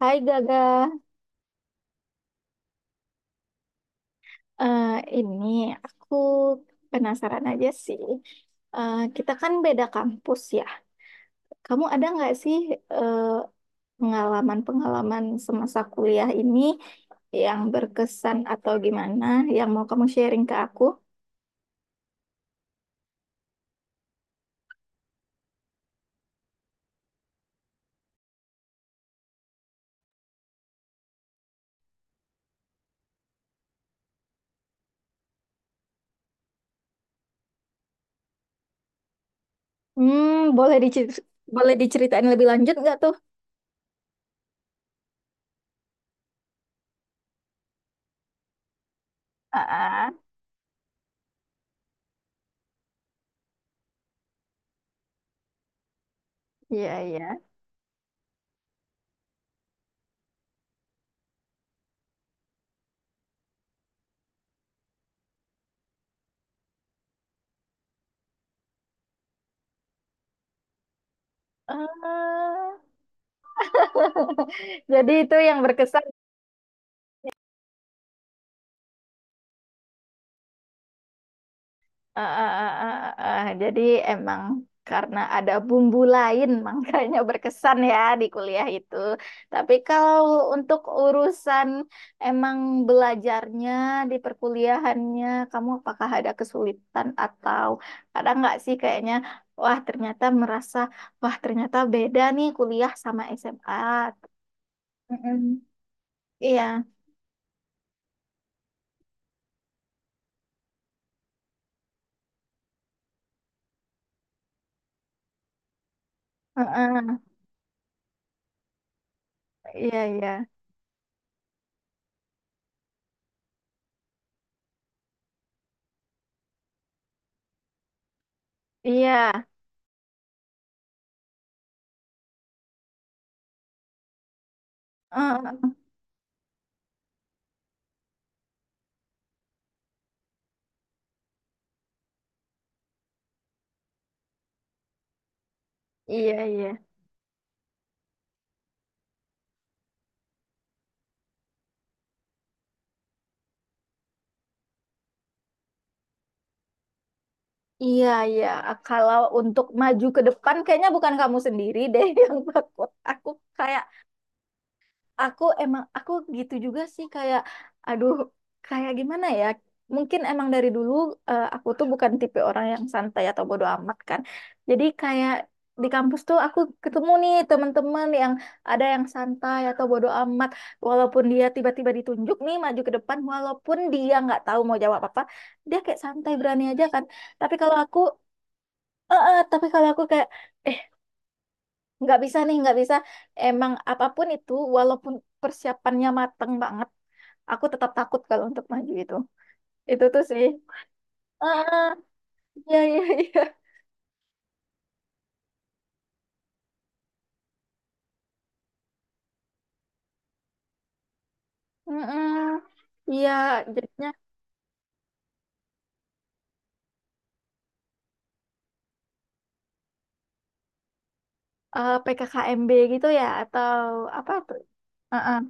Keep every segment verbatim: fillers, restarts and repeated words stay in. Hai Gaga, Eh, ini aku penasaran aja sih. Eh, kita kan beda kampus ya. Kamu ada nggak sih eh, pengalaman-pengalaman semasa kuliah ini yang berkesan atau gimana yang mau kamu sharing ke aku? Hmm, boleh dicer- boleh diceritain lebih lanjut nggak tuh? Ah, ah, iya iya. Eh, jadi itu yang berkesan. Ah, ah, ah, ah, ah, ah. Jadi emang karena ada bumbu lain makanya berkesan ya di kuliah itu. Tapi kalau untuk urusan emang belajarnya di perkuliahannya, kamu apakah ada kesulitan atau ada nggak sih kayaknya, wah ternyata merasa, wah ternyata beda nih kuliah sama S M A. Mm-mm. Iya, heeh. Iya, iya, iya, heeh. Iya, iya. Iya, iya. Kalau untuk maju ke depan, kayaknya bukan kamu sendiri deh yang takut. Aku kayak, aku emang, aku gitu juga sih kayak, aduh, kayak gimana ya? Mungkin emang dari dulu eh, aku tuh bukan tipe orang yang santai atau bodo amat kan. Jadi kayak di kampus tuh aku ketemu nih teman-teman yang ada yang santai atau bodo amat. Walaupun dia tiba-tiba ditunjuk nih maju ke depan, walaupun dia nggak tahu mau jawab apa, dia kayak santai berani aja kan. Tapi kalau aku. Eh, eh, tapi kalau aku kayak eh nggak bisa nih nggak bisa emang apapun itu walaupun persiapannya mateng banget aku tetap takut kalau untuk maju itu itu tuh sih. Eh, eh, iya iya iya. Mm-mm. Iya, jadinya eh, P K K M B gitu ya atau apa tuh. Eh, eh,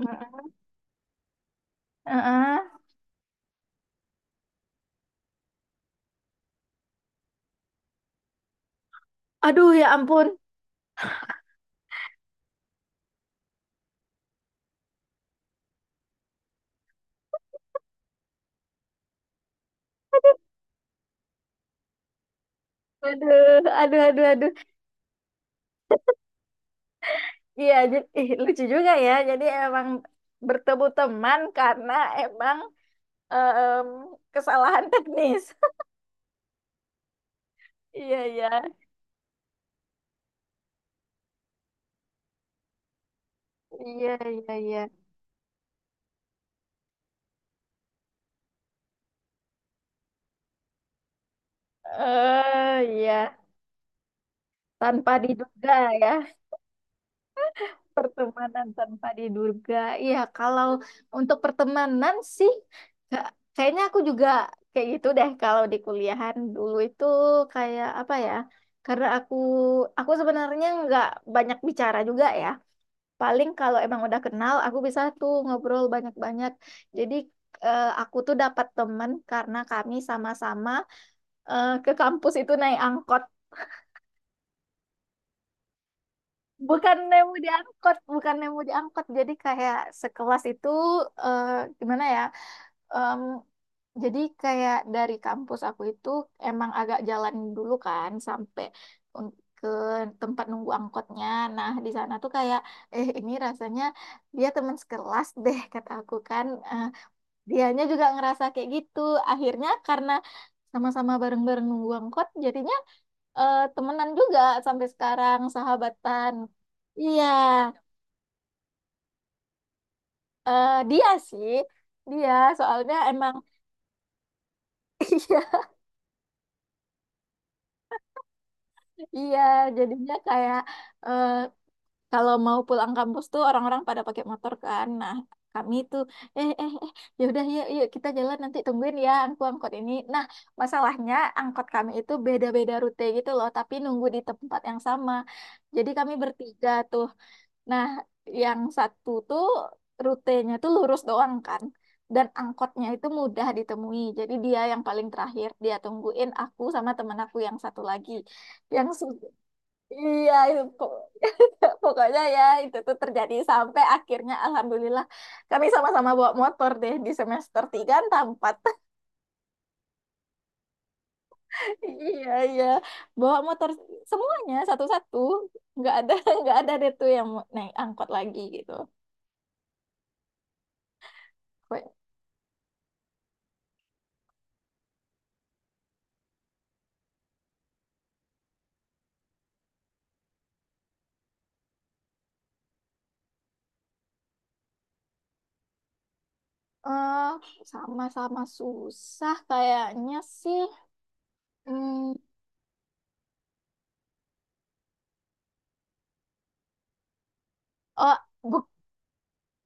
mm. Eh, eh. Aduh ya ampun, aduh aduh aduh, aduh iya jadi ih, lucu juga ya jadi emang bertemu teman karena emang em, kesalahan teknis. Iya, iya. Iya, iya, iya. Eh, iya. Tanpa diduga ya. Pertemanan tanpa diduga. Iya, kalau untuk pertemanan sih nggak- kayaknya aku juga kayak gitu deh kalau di kuliahan dulu itu kayak apa ya? Karena aku aku sebenarnya nggak banyak bicara juga ya. Paling kalau emang udah kenal aku bisa tuh ngobrol banyak-banyak. Jadi eh, aku tuh dapat temen karena kami sama-sama eh, ke kampus itu naik angkot. Bukan nemu di angkot, bukan nemu di angkot. Jadi kayak sekelas itu eh, gimana ya? Em, jadi kayak dari kampus aku itu emang agak jalan dulu kan sampai un- ke tempat nunggu angkotnya. Nah, di sana tuh kayak eh ini rasanya dia teman sekelas deh kata aku kan. Eh, dianya juga ngerasa kayak gitu. Akhirnya karena sama-sama bareng-bareng nunggu angkot, jadinya eh, temenan juga sampai sekarang sahabatan. Iya, eh, dia sih, dia soalnya emang iya iya jadinya kayak eh, kalau mau pulang kampus tuh orang-orang pada pakai motor kan. Nah, kami tuh eh eh eh ya udah yuk yuk kita jalan nanti tungguin ya aku angkot ini. Nah, masalahnya angkot kami itu beda-beda rute gitu loh, tapi nunggu di tempat yang sama. Jadi kami bertiga tuh. Nah, yang satu tuh rutenya tuh lurus doang kan. Dan angkotnya itu mudah ditemui. Jadi dia yang paling terakhir. Dia tungguin aku sama temen aku yang satu lagi. Yang su- iya itu po- pokoknya ya itu tuh terjadi sampai akhirnya alhamdulillah kami sama-sama bawa motor deh di semester tiga entah empat. Iya iya bawa motor semuanya satu-satu. Nggak ada nggak ada deh tuh yang mau naik angkot lagi gitu. eh sama-sama susah kayaknya sih. Hmm, oh, bu-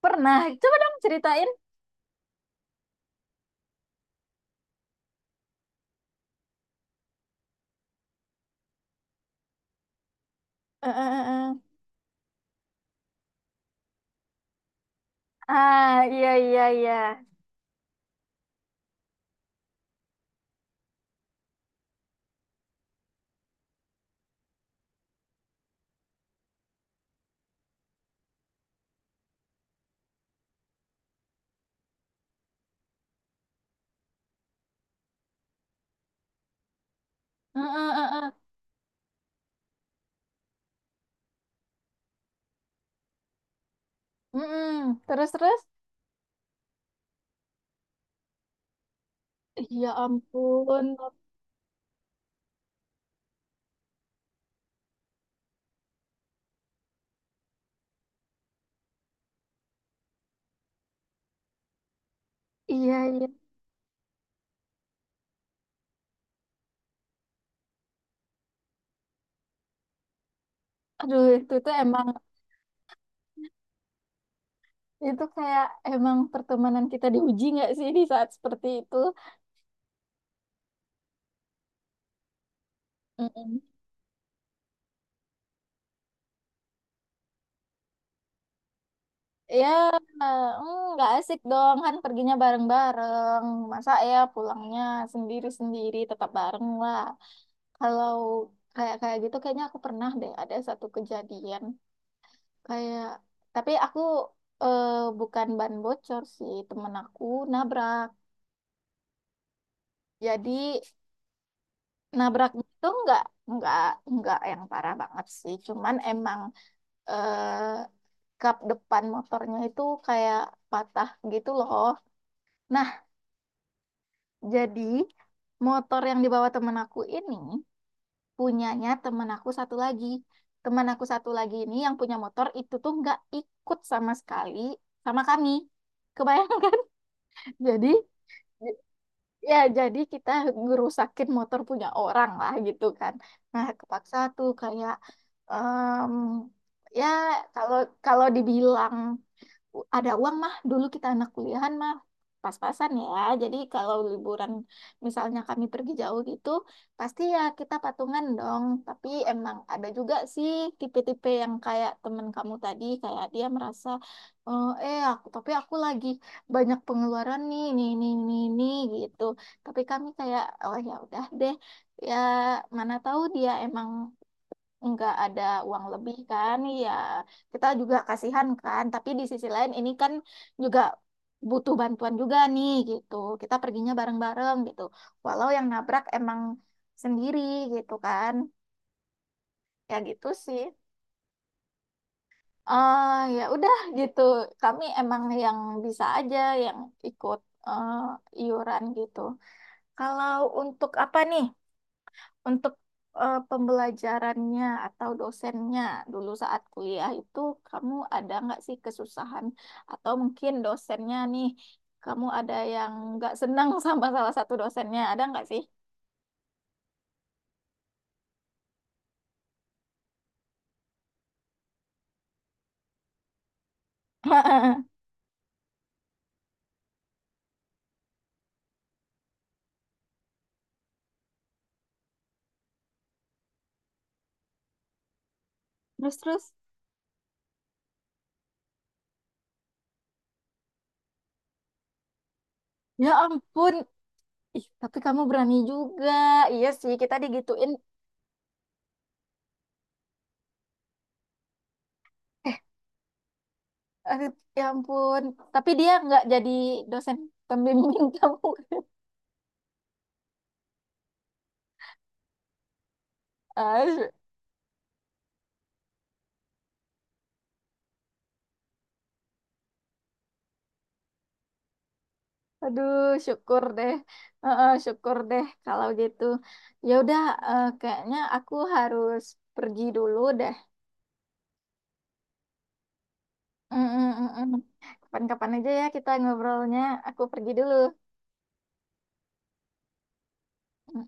pernah. Coba dong ceritain. Eh, eh, eh, eh. Ah, iya, iya, iya. Eh, eh, eh, eh. Mm-mm. Terus, terus. Ya ampun. Iya, iya. Aduh, itu tuh emang, itu kayak emang pertemanan kita diuji nggak sih di saat seperti itu? Mm-mm. Ya, mm, nggak asik dong kan perginya bareng-bareng. Masa ya pulangnya sendiri-sendiri tetap bareng lah. Kalau kayak kayak gitu kayaknya aku pernah deh ada satu kejadian kayak tapi aku eh, bukan ban bocor sih temen aku nabrak. Jadi nabrak itu nggak nggak nggak yang parah banget sih. Cuman emang eh, kap depan motornya itu kayak patah gitu loh. Nah jadi motor yang dibawa temen aku ini punyanya teman aku satu lagi. Teman aku satu lagi ini yang punya motor itu tuh nggak ikut sama sekali sama kami. Kebayang kan? Jadi ya jadi kita ngerusakin motor punya orang lah gitu kan. Nah, kepaksa tuh kayak em, ya kalau kalau dibilang ada uang mah dulu kita anak kuliahan mah pas-pasan ya jadi kalau liburan misalnya kami pergi jauh gitu pasti ya kita patungan dong tapi emang ada juga sih tipe-tipe yang kayak temen kamu tadi kayak dia merasa "Oh, eh aku tapi aku lagi banyak pengeluaran nih nih nih nih nih gitu tapi kami kayak oh ya udah deh ya mana tahu dia emang nggak ada uang lebih kan ya kita juga kasihan kan tapi di sisi lain ini kan juga butuh bantuan juga nih gitu kita perginya bareng-bareng gitu walau yang nabrak emang sendiri gitu kan ya gitu sih. eh ya udah gitu kami emang yang bisa aja yang ikut eh, iuran gitu. Kalau untuk apa nih, untuk eh, pembelajarannya atau dosennya dulu saat kuliah itu kamu ada nggak sih kesusahan atau mungkin dosennya nih kamu ada yang nggak senang sama salah satu dosennya ada nggak sih? Terus terus. Ya ampun, ih tapi kamu berani juga. Iya sih kita digituin. Eh, ya ampun, tapi dia nggak jadi dosen pembimbing kamu. Ah, aduh, syukur deh. Heeh, syukur deh kalau gitu. Ya udah, eh, kayaknya aku harus pergi dulu deh. Mm, mm, mm, mm. Kapan-kapan aja ya kita ngobrolnya. Aku pergi dulu. Mm, mm.